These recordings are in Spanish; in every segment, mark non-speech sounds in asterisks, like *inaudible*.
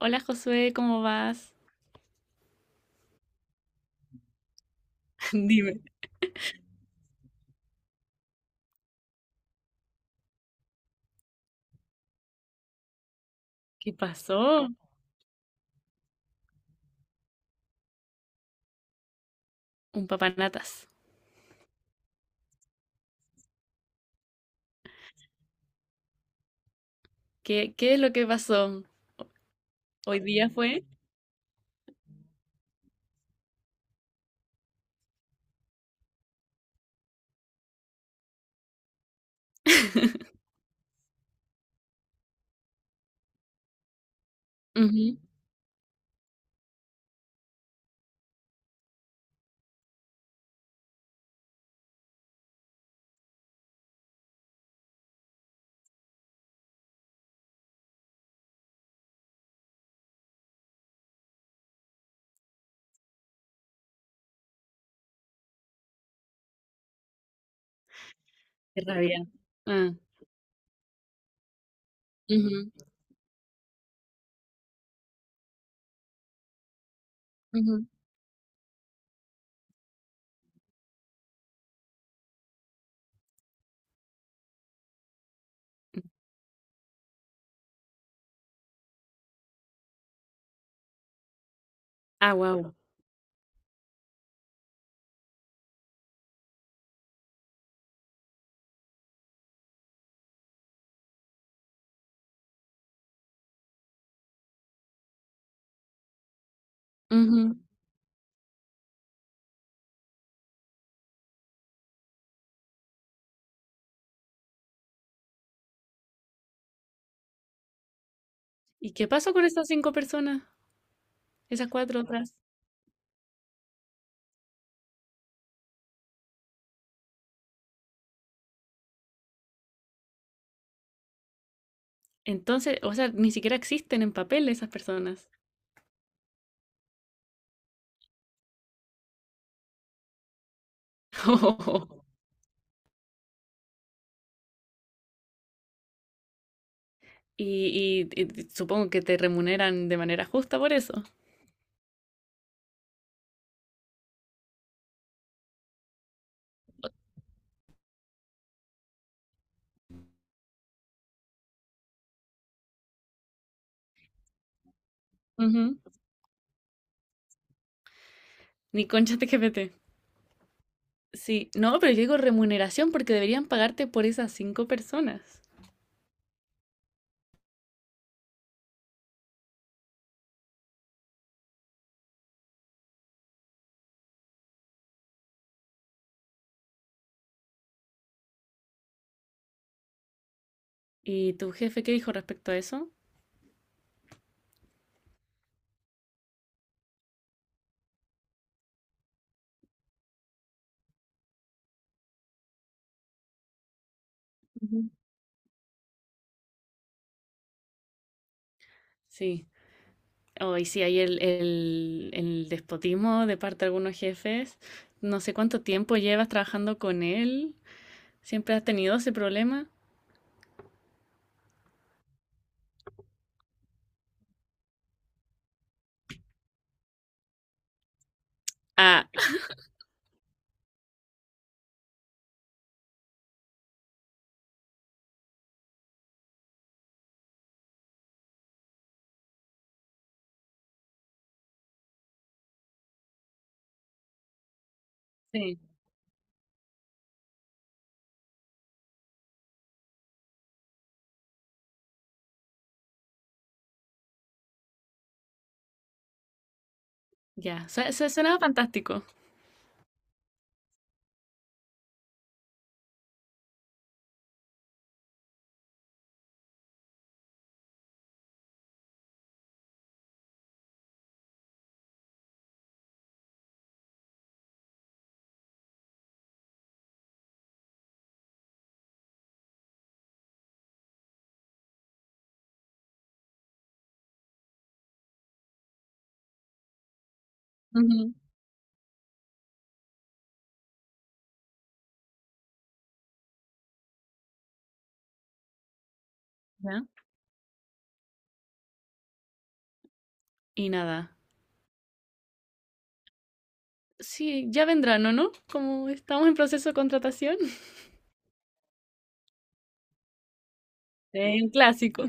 Hola Josué, ¿cómo vas? *laughs* Dime. ¿Qué pasó? Un papanatas. ¿Qué es lo que pasó? ¿Hoy día fue? *laughs* Ujú. Qué rabia. Ah, ujú, ujú. Ah, wow. ¿Y qué pasó con esas cinco personas? Esas cuatro otras. Entonces, o sea, ni siquiera existen en papel esas personas. *laughs* Y supongo que te remuneran de manera justa por eso. Ujú. Ni concha te GPT. Sí, no, pero yo digo remuneración porque deberían pagarte por esas cinco personas. ¿Y tu jefe qué dijo respecto a eso? Ujú. Sí, hoy sí hay el despotismo de parte de algunos jefes. No sé cuánto tiempo llevas trabajando con él. ¿Siempre has tenido ese problema? Ah, sí, ya. Suena fantástico. Ujú, ya. Y nada. Sí, ya vendrán, ¿o no? Como estamos en proceso de contratación. *laughs* Sí, un clásico.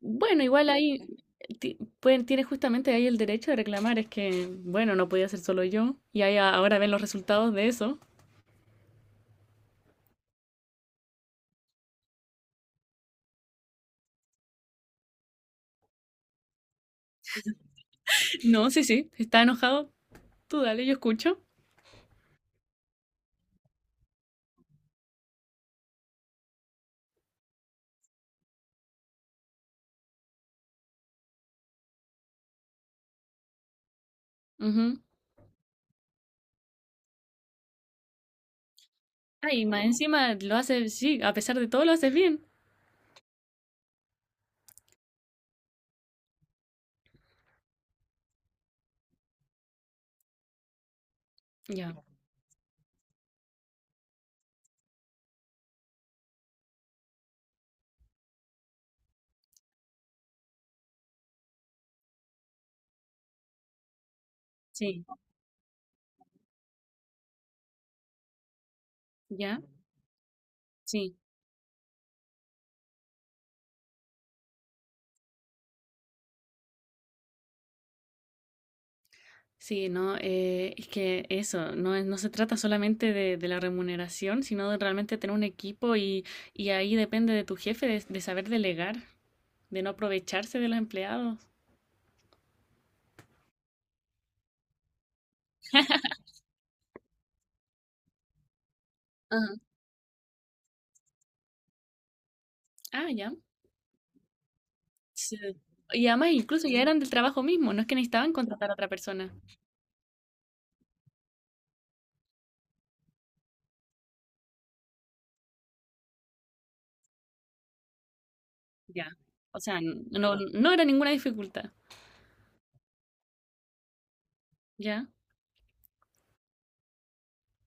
Bueno, igual ahí pueden, tienes justamente ahí el derecho de reclamar, es que, bueno, no podía ser solo yo, y ahí ahora ven los resultados de eso. *laughs* No, sí, sí, está enojado, tú dale, yo escucho. Ujú. Ah, y más encima lo hace, sí, a pesar de todo lo haces bien. Ya, sí, ya, sí. Sí, no, es que eso, no, no se trata solamente de la remuneración, sino de realmente tener un equipo y ahí depende de tu jefe de saber delegar, de no aprovecharse de los empleados. Ah, ya. Sí. Y además incluso ya eran del trabajo mismo, no es que necesitaban contratar a otra persona. Ya. O sea, no era ninguna dificultad. Ya.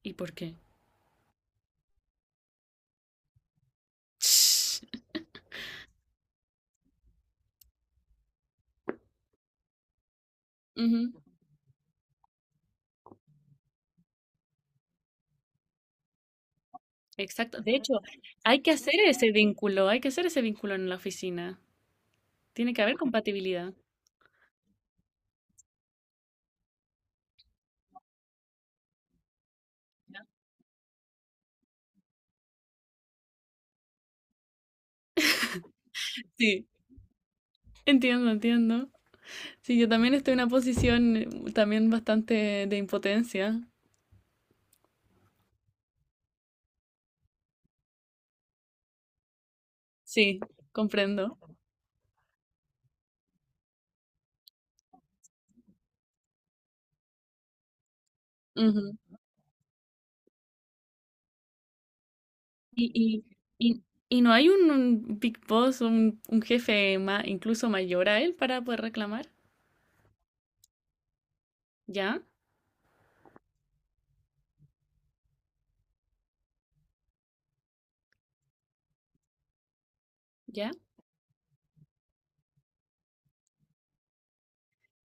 ¿Y por qué? *laughs* Ujú, exacto. De hecho, hay que hacer ese vínculo, hay que hacer ese vínculo en la oficina. Tiene que haber compatibilidad. Sí, entiendo, entiendo. Sí, yo también estoy en una posición también bastante de impotencia. Sí, comprendo. Y, y, y, y no hay un big boss, un jefe incluso mayor a él para poder reclamar. ¿Ya? ¿Ya?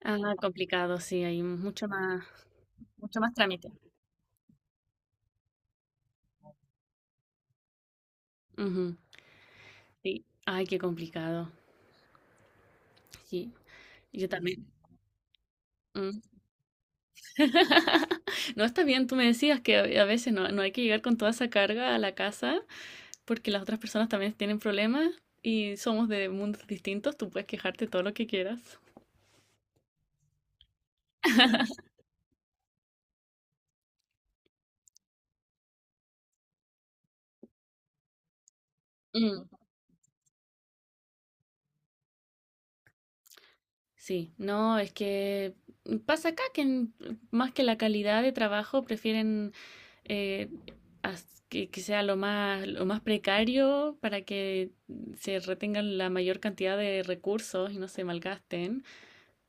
Ah, complicado, sí, hay mucho más trámite. Ujú, sí. Ay, qué complicado. Sí, yo también. Mm. No está bien, tú me decías que a veces no hay que llegar con toda esa carga a la casa porque las otras personas también tienen problemas y somos de mundos distintos, tú puedes quejarte todo lo que quieras. Sí, no, es que pasa acá que más que la calidad de trabajo prefieren eh, que sea lo más precario para que se retengan la mayor cantidad de recursos y no se malgasten,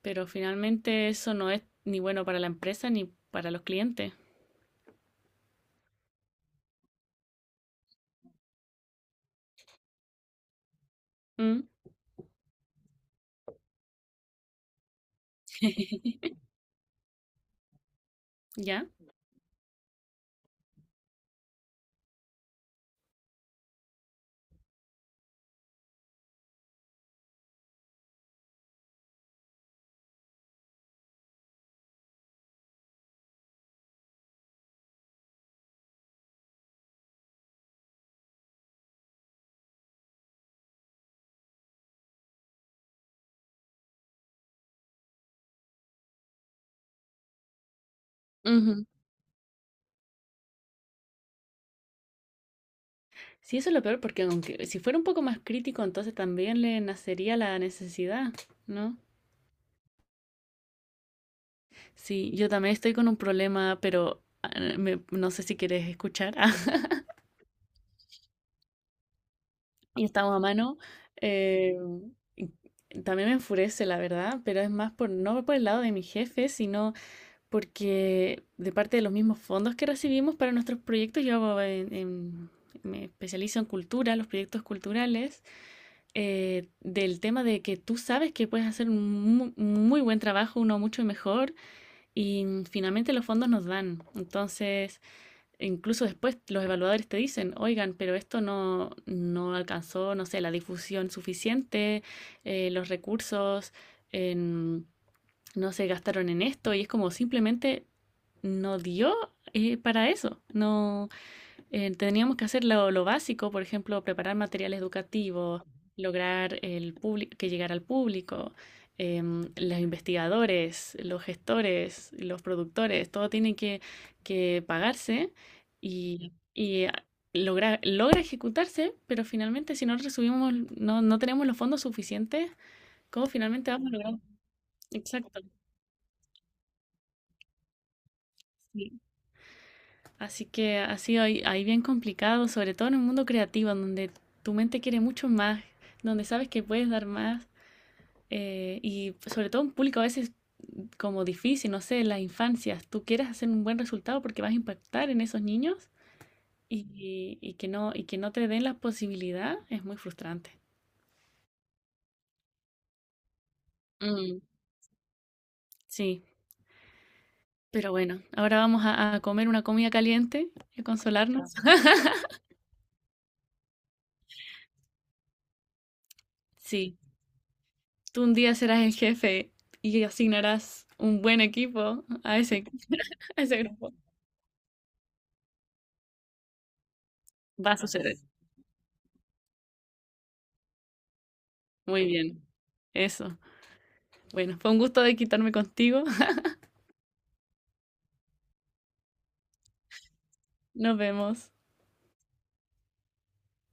pero finalmente eso no es ni bueno para la empresa ni para los clientes. Mm, ¿ya? Ujú. Sí, eso es lo peor porque aunque si fuera un poco más crítico, entonces también le nacería la necesidad, ¿no? Sí, yo también estoy con un problema, pero ah, no sé si quieres escuchar. *laughs* Y estamos a mano. eh, y también me enfurece, la verdad, pero es más por no por el lado de mi jefe, sino porque de parte de los mismos fondos que recibimos para nuestros proyectos, yo hago me especializo en cultura, los proyectos culturales, del tema de que tú sabes que puedes hacer un muy buen trabajo, uno mucho mejor, y finalmente los fondos nos dan. Entonces. Incluso después los evaluadores te dicen, oigan, pero esto no alcanzó, no sé, la difusión suficiente, los recursos en- no se gastaron en esto y es como simplemente no dio para eso, no, teníamos que hacer lo básico, por ejemplo, preparar materiales educativos, lograr el que llegara al público, los investigadores, los gestores, los productores, todo tiene que pagarse y logra ejecutarse, pero finalmente si no recibimos, no tenemos los fondos suficientes, ¿cómo finalmente vamos a lograr? Exacto. Así que ha sido ahí bien complicado, sobre todo en un mundo creativo, en donde tu mente quiere mucho más, donde sabes que puedes dar más, y sobre todo un público a veces como difícil, no sé, en las infancias, tú quieres hacer un buen resultado porque vas a impactar en esos niños y que no te den la posibilidad, es muy frustrante. Mm, sí, pero bueno, ahora vamos a comer una comida caliente y a consolarnos. *laughs* Sí. Tú un día serás el jefe y asignarás un buen equipo a ese, grupo. Va a suceder. Muy bien. Eso. Bueno, fue un gusto de quitarme contigo. *laughs* Nos vemos.